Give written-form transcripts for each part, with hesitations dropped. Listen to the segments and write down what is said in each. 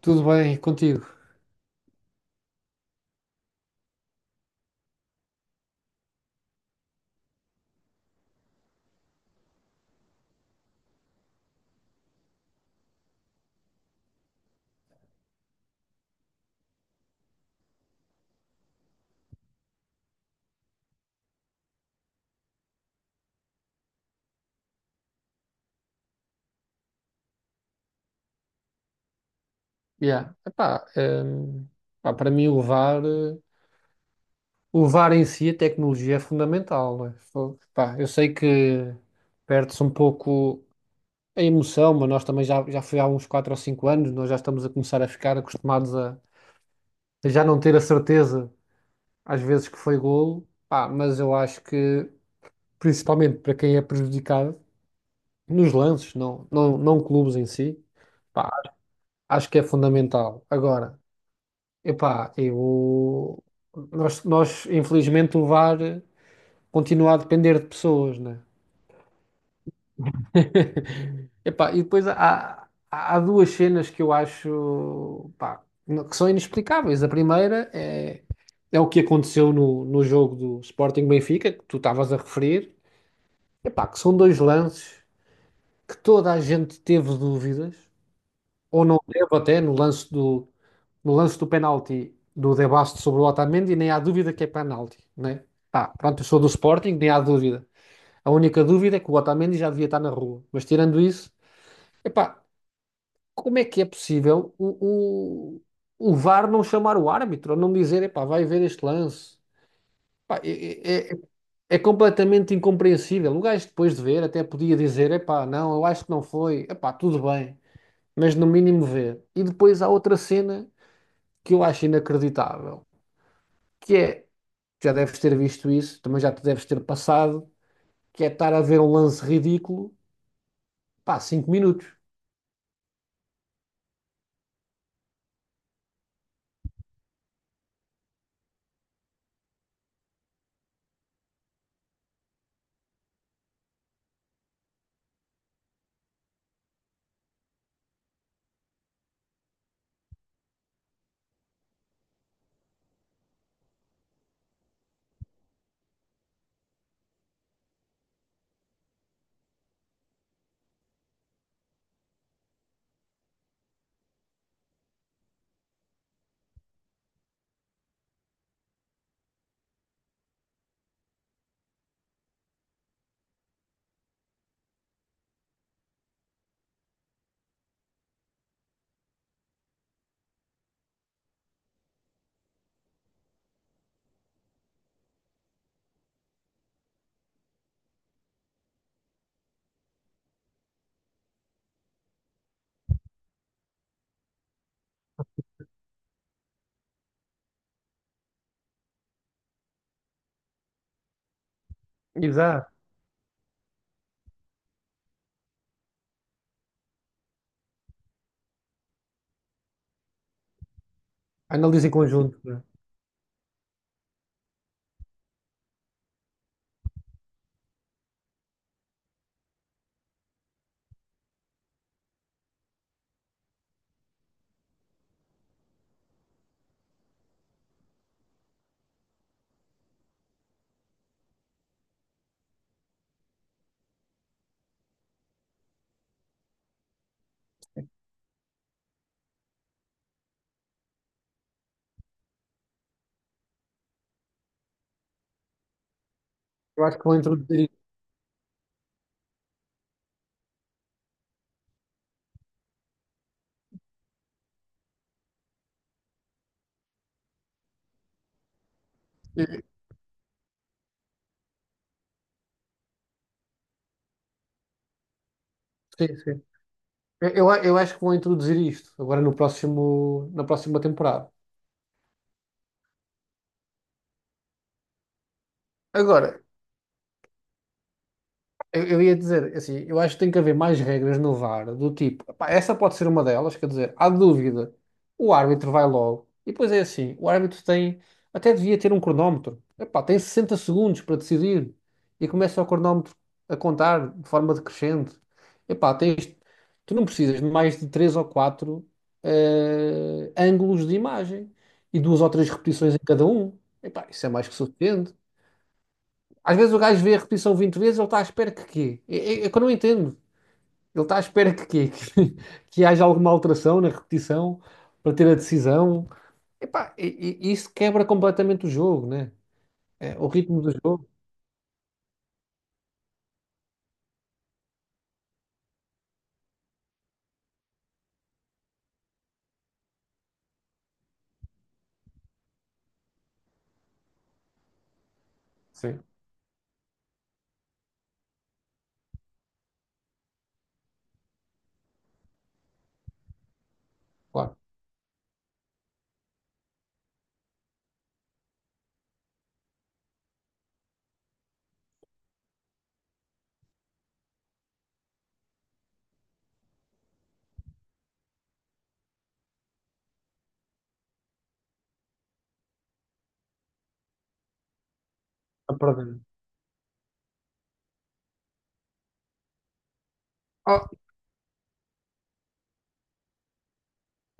Tudo bem contigo? Yeah. Epá, para mim levar, levar em si a tecnologia é fundamental, não é? Pá, eu sei que perde-se um pouco a emoção, mas nós também já foi há uns 4 ou 5 anos, nós já estamos a começar a ficar acostumados a já não ter a certeza às vezes que foi golo, pá, mas eu acho que principalmente para quem é prejudicado nos lances, não clubes em si, pá, acho que é fundamental. Agora, epá, eu... Nós, infelizmente, o VAR continua a depender de pessoas, né? Epá, e depois há duas cenas que eu acho, pá, que são inexplicáveis. A primeira é o que aconteceu no jogo do Sporting Benfica, que tu estavas a referir. Epá, que são dois lances que toda a gente teve dúvidas. Ou não teve até no lance no lance do penalti do De Basto sobre o Otamendi, nem há dúvida que é penalti, né? Pá, pronto, eu sou do Sporting, nem há dúvida. A única dúvida é que o Otamendi já devia estar na rua. Mas tirando isso, epá, como é que é possível o VAR não chamar o árbitro, ou não dizer, epá, vai ver este lance? Pá, é completamente incompreensível. O gajo depois de ver até podia dizer, epá, não, eu acho que não foi, epá, tudo bem mas no mínimo ver. E depois há outra cena que eu acho inacreditável, que é, já deves ter visto isso, também já te deves ter passado, que é estar a ver um lance ridículo, pá, cinco minutos. Exato. Analisa em conjunto, né? Eu acho que vão introduzir isto. Sim, sim. Eu acho que vão introduzir isto agora no próximo, na próxima temporada. Agora, eu ia dizer, assim, eu acho que tem que haver mais regras no VAR, do tipo, pá, essa pode ser uma delas, quer dizer, há dúvida, o árbitro vai logo. E depois é assim, o árbitro tem, até devia ter um cronómetro. Epá, tem 60 segundos para decidir e começa o cronómetro a contar de forma decrescente. Epá, tens, tu não precisas de mais de três ou quatro ângulos de imagem e duas ou três repetições em cada um. Epá, isso é mais que suficiente. Às vezes o gajo vê a repetição 20 vezes, ele está à espera que quê? É que eu não entendo. Ele está à espera que quê? Que, que haja alguma alteração na repetição para ter a decisão. Epá, isso quebra completamente o jogo, né? É, o ritmo do jogo. Sim, claro. A perder. Ah,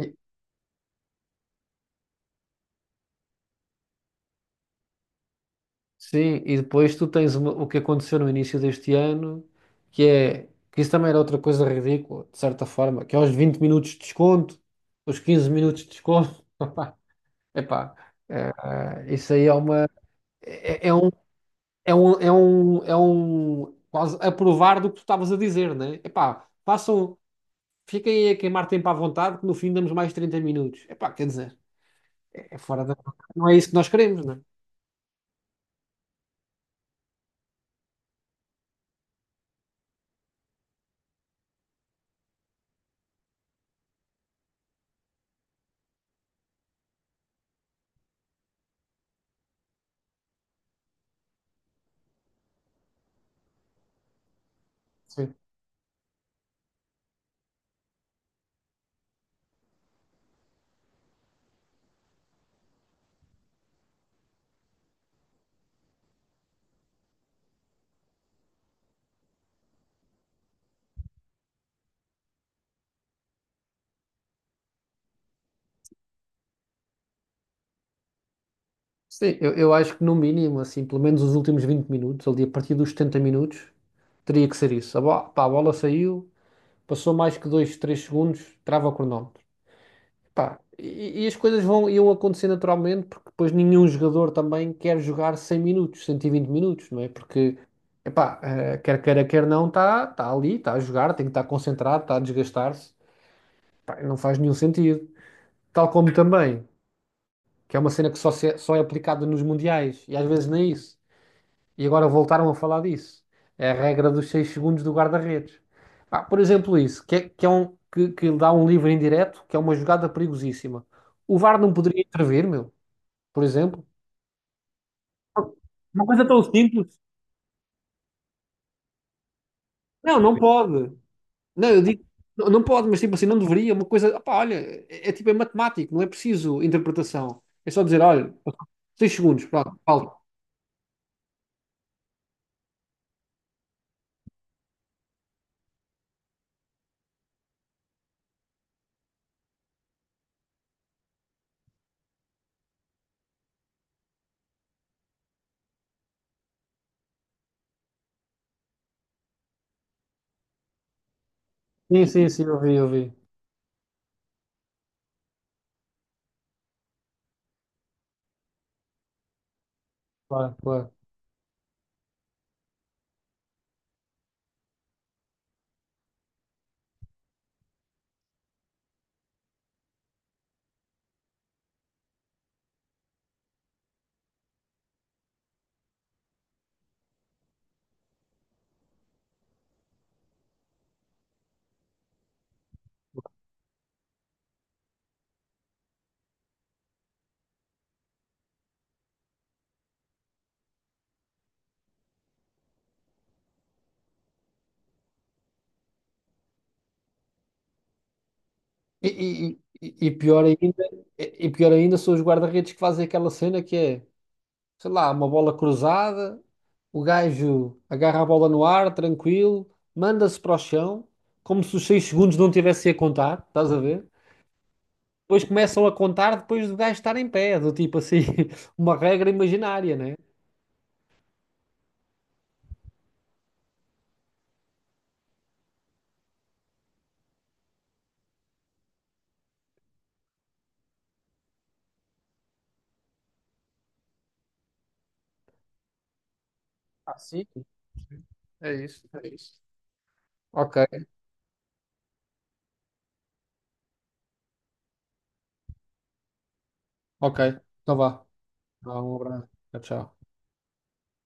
e- sim, e depois tu tens uma- o que aconteceu no início deste ano, que é que isso também era outra coisa ridícula, de certa forma, que é aos 20 minutos de desconto, os 15 minutos de desconto. Epá, é, isso aí é uma. É, é um, É um, quase a provar do que tu estavas a dizer, né? Epá, passam, fiquem aí a queimar tempo à vontade, que no fim damos mais 30 minutos. Epá, quer dizer, é, é fora da. Não é isso que nós queremos, né? Sim. Sim, eu acho que no mínimo, assim, pelo menos os últimos 20 minutos, ali a partir dos 70 minutos, teria que ser isso. A, bo- pá, a bola saiu, passou mais que 2 3 segundos, trava o cronómetro. Pá, e as coisas vão, iam acontecer naturalmente, porque depois nenhum jogador também quer jogar 100 minutos, 120 minutos, não é? Porque, epá, quer queira, quer não, está ali, está a jogar, tem que estar concentrado, está a desgastar-se. Pá, não faz nenhum sentido. Tal como também, que é uma cena que só, se é, só é aplicada nos mundiais, e às vezes nem isso. E agora voltaram a falar disso. É a regra dos 6 segundos do guarda-redes. Pá, por exemplo, isso, que dá um livre indireto, que é uma jogada perigosíssima. O VAR não poderia intervir, meu, por exemplo. Uma coisa tão simples. Não, não pode. Não, eu digo, não, não pode, mas tipo assim, não deveria. Uma coisa, opá, olha, é, é tipo, é matemático, não é preciso interpretação. É só dizer, olha, 6 segundos, pronto, falta. Sim, sim, sim, eu vi, eu vi. Claro, claro. E, e- Pior ainda, pior ainda são os guarda-redes que fazem aquela cena que é, sei lá, uma bola cruzada, o gajo agarra a bola no ar, tranquilo, manda-se para o chão, como se os 6 segundos não tivessem a contar, estás a ver? Depois começam a contar depois do gajo estar em pé, do tipo assim, uma regra imaginária, né? Ah, sim, é isso, é isso. Ok, ok, então vá. Vá, um abraço. Tchau, tchau.